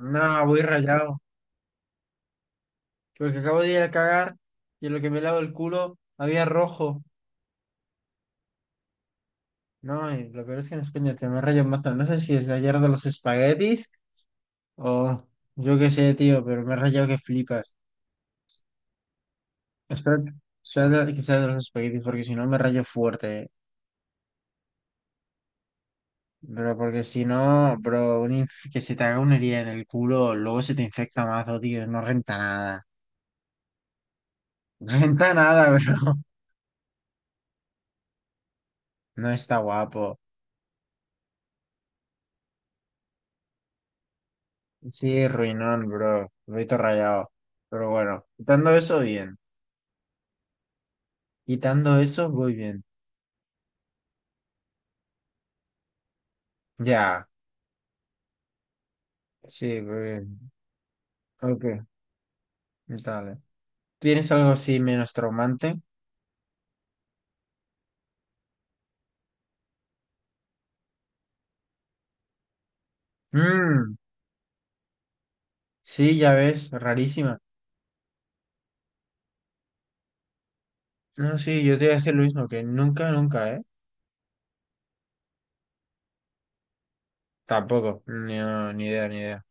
No, voy rayado. Porque acabo de ir a cagar y en lo que me lavo el culo había rojo. No, y lo peor es que no es coño, te me rayo mazo. No sé si es de ayer de los espaguetis o yo qué sé, tío, pero me he rayado que flipas. Espero que que sea de los espaguetis porque si no me rayo fuerte. Pero porque si no, bro, que se te haga una herida en el culo, luego se te infecta mazo, tío. No renta nada. No renta nada, bro. No está guapo. Sí, ruinón, bro. Vito rayado. Pero bueno, quitando eso, bien. Quitando eso, muy bien. Ya. Sí, muy bien. Ok, dale. ¿Tienes algo así menos traumante? Mmm, sí, ya ves, rarísima. No, sí, yo te voy a decir lo mismo, que nunca, nunca, ¿eh? Tampoco, ni idea, ni idea.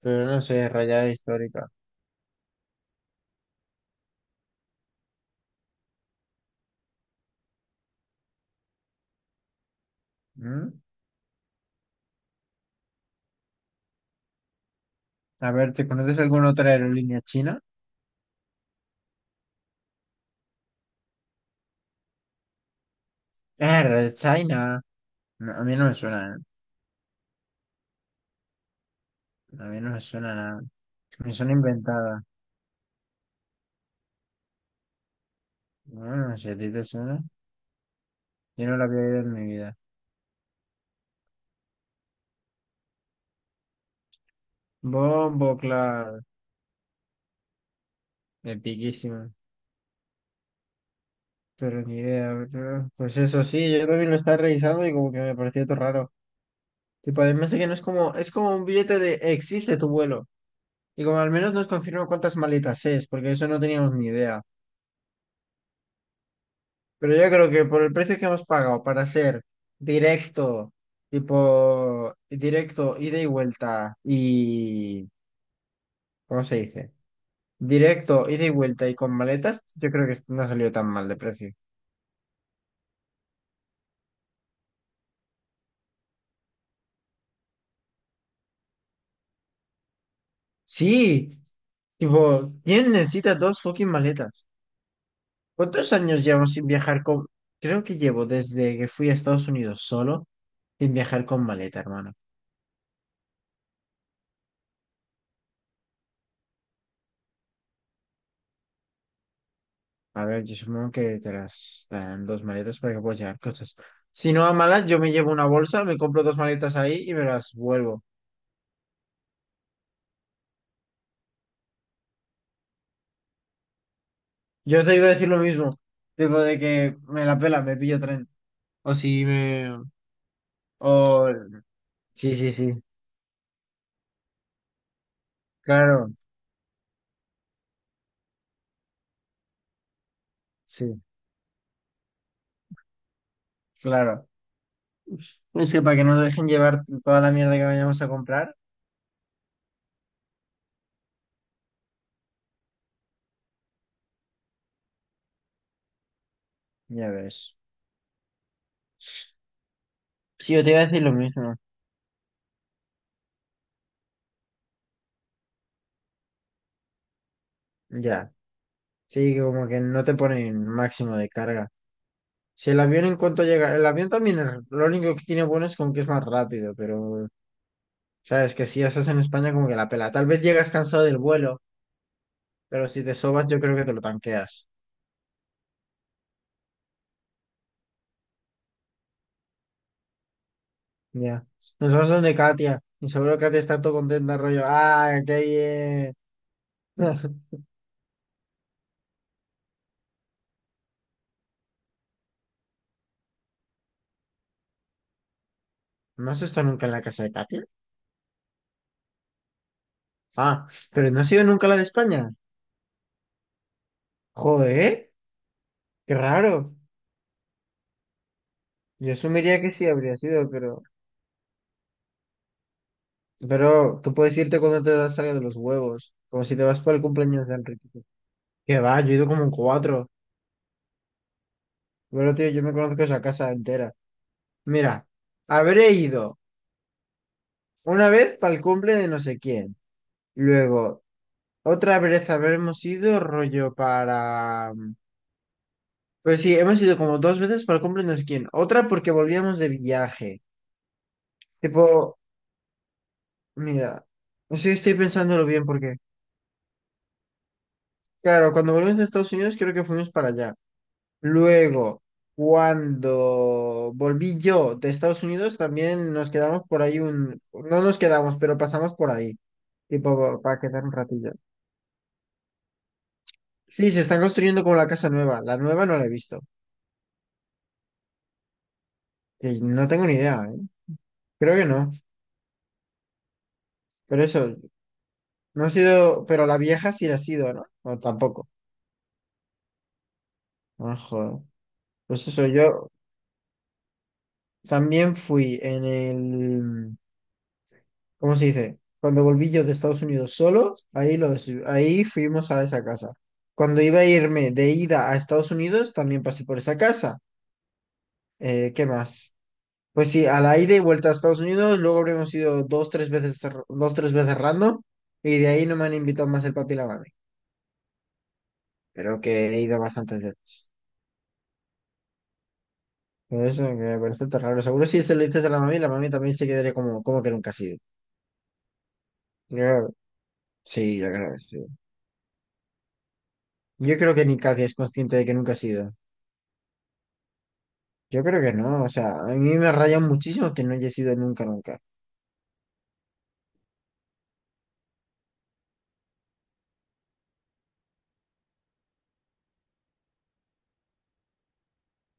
Pero no sé, rayada histórica. Mm. A ver, ¿te conoces alguna otra aerolínea china? Ah, Red China. No, a mí no me suena, ¿eh? A mí no me suena nada. Me suena inventada. Ah, si a ti te suena, yo no la había oído en mi vida. Bombo, claro, epiquísimo. Pero ni idea, ¿verdad? Pues eso sí, yo también lo estaba revisando y como que me pareció todo raro. Tipo, además de que no es como, es como un billete de existe tu vuelo. Y como al menos nos confirma cuántas maletas es, porque eso no teníamos ni idea. Pero yo creo que por el precio que hemos pagado para ser directo, tipo, directo, ida y vuelta y, ¿cómo se dice? Directo, ida y vuelta y con maletas, pues, yo creo que no salió tan mal de precio. Sí, tipo, ¿quién necesita dos fucking maletas? ¿Cuántos años llevo sin viajar con...? Creo que llevo desde que fui a Estados Unidos solo sin viajar con maleta, hermano. A ver, yo supongo que te las dan dos maletas para que puedas llevar cosas. Si no a malas, yo me llevo una bolsa, me compro dos maletas ahí y me las vuelvo. Yo te iba a decir lo mismo, digo de que me la pela, me pillo tren. O si me... O... Sí, sí, sí. Claro, sí, claro. Es que para que no nos dejen llevar toda la mierda que vayamos a comprar, ya ves. Sí, yo te iba a decir lo mismo. Ya. Sí, que como que no te ponen máximo de carga. Si el avión en cuanto llega, el avión también es- lo único que tiene bueno es como que es más rápido, pero sabes que si ya estás en España como que la pela. Tal vez llegas cansado del vuelo, pero si te sobas yo creo que te lo tanqueas. Ya. Nos vamos donde Katia. Y seguro Katia está todo contenta, rollo. ¡Ah, qué bien! ¿No has estado nunca en la casa de Katia? Ah, pero no ha sido nunca la de España. Joder, qué raro. Yo asumiría que sí habría sido, pero... Pero tú puedes irte cuando te das salga de los huevos, como si te vas para el cumpleaños de Enrique. Que va, yo he ido como en cuatro. Pero tío, yo me conozco esa casa entera. Mira, habré ido una vez para el cumple de no sé quién. Luego, otra vez habremos ido rollo para... Pues sí, hemos ido como dos veces para el cumple de no sé quién. Otra porque volvíamos de viaje. Tipo, mira, sí estoy pensándolo bien porque, claro, cuando volvimos a Estados Unidos creo que fuimos para allá. Luego, cuando volví yo de Estados Unidos también nos quedamos por ahí no nos quedamos, pero pasamos por ahí, tipo para quedar un ratillo. Sí, se están construyendo como la casa nueva. La nueva no la he visto. Y no tengo ni idea, ¿eh? Creo que no. Pero eso, no ha sido, pero la vieja sí la ha sido, ¿no? O tampoco. Ah, joder. Pues eso, yo también fui en el ¿Cómo se dice? Cuando volví yo de Estados Unidos solo, ahí fuimos a esa casa. Cuando iba a irme de ida a Estados Unidos, también pasé por esa casa. ¿Qué más? Pues sí, a la ida y vuelta a Estados Unidos, luego habríamos ido dos, tres veces random, y de ahí no me han invitado más el papi y la mami, pero que he ido bastantes veces. Por eso que me parece tan raro. Seguro si se lo dices a la mami también se quedaría como, como que nunca ha sido. Yo- sí, yo creo que sí. Yo creo que ni Katia es consciente de que nunca ha sido. Yo creo que no, o sea, a mí me raya muchísimo que no haya sido nunca, nunca.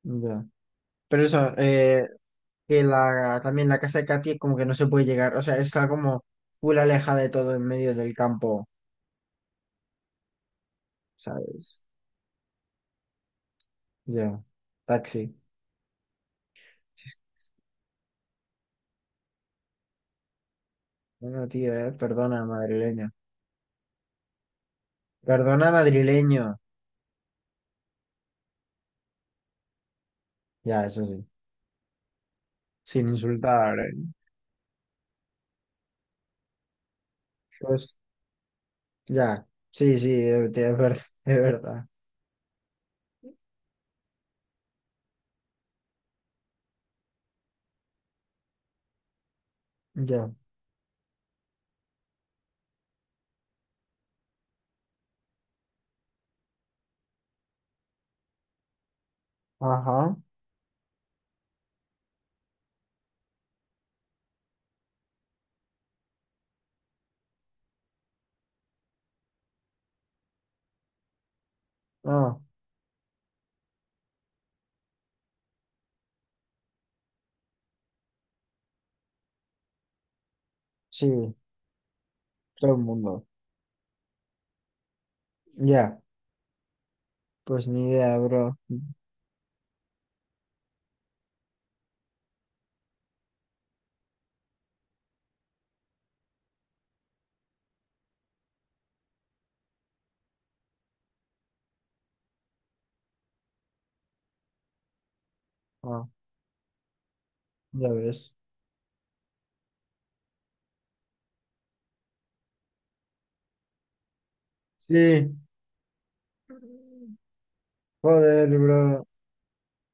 Ya. Pero eso, que también la casa de Katy es como que no se puede llegar, o sea, está como full alejada de todo en medio del campo, ¿sabes? Ya, taxi. Sí, sí. Bueno, tío, perdona, madrileño. Perdona, madrileño. Ya, eso sí, sin insultar. Pues, ya, sí, sí, tío, es verdad, es verdad. Ya, ajá, ah, sí, todo el mundo. Ya. Pues ni idea, bro. Ah, ya ves. Sí. Joder, bro.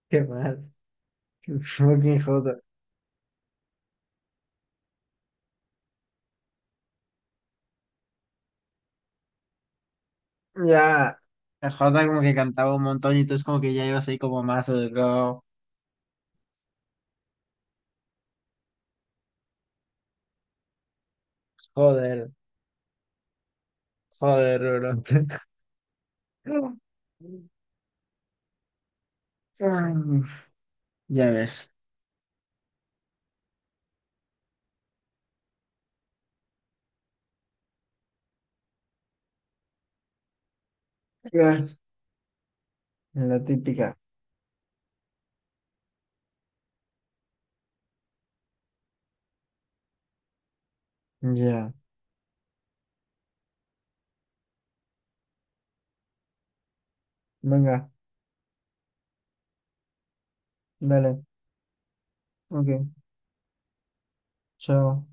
Qué mal. Qué fucking jota, ya. El Jota como que cantaba un montón y tú es como que ya ibas ahí como más educado. Joder. Joder, bro. Ya ves. Ya. La típica. Ya. Venga, dale. Ok. Chao.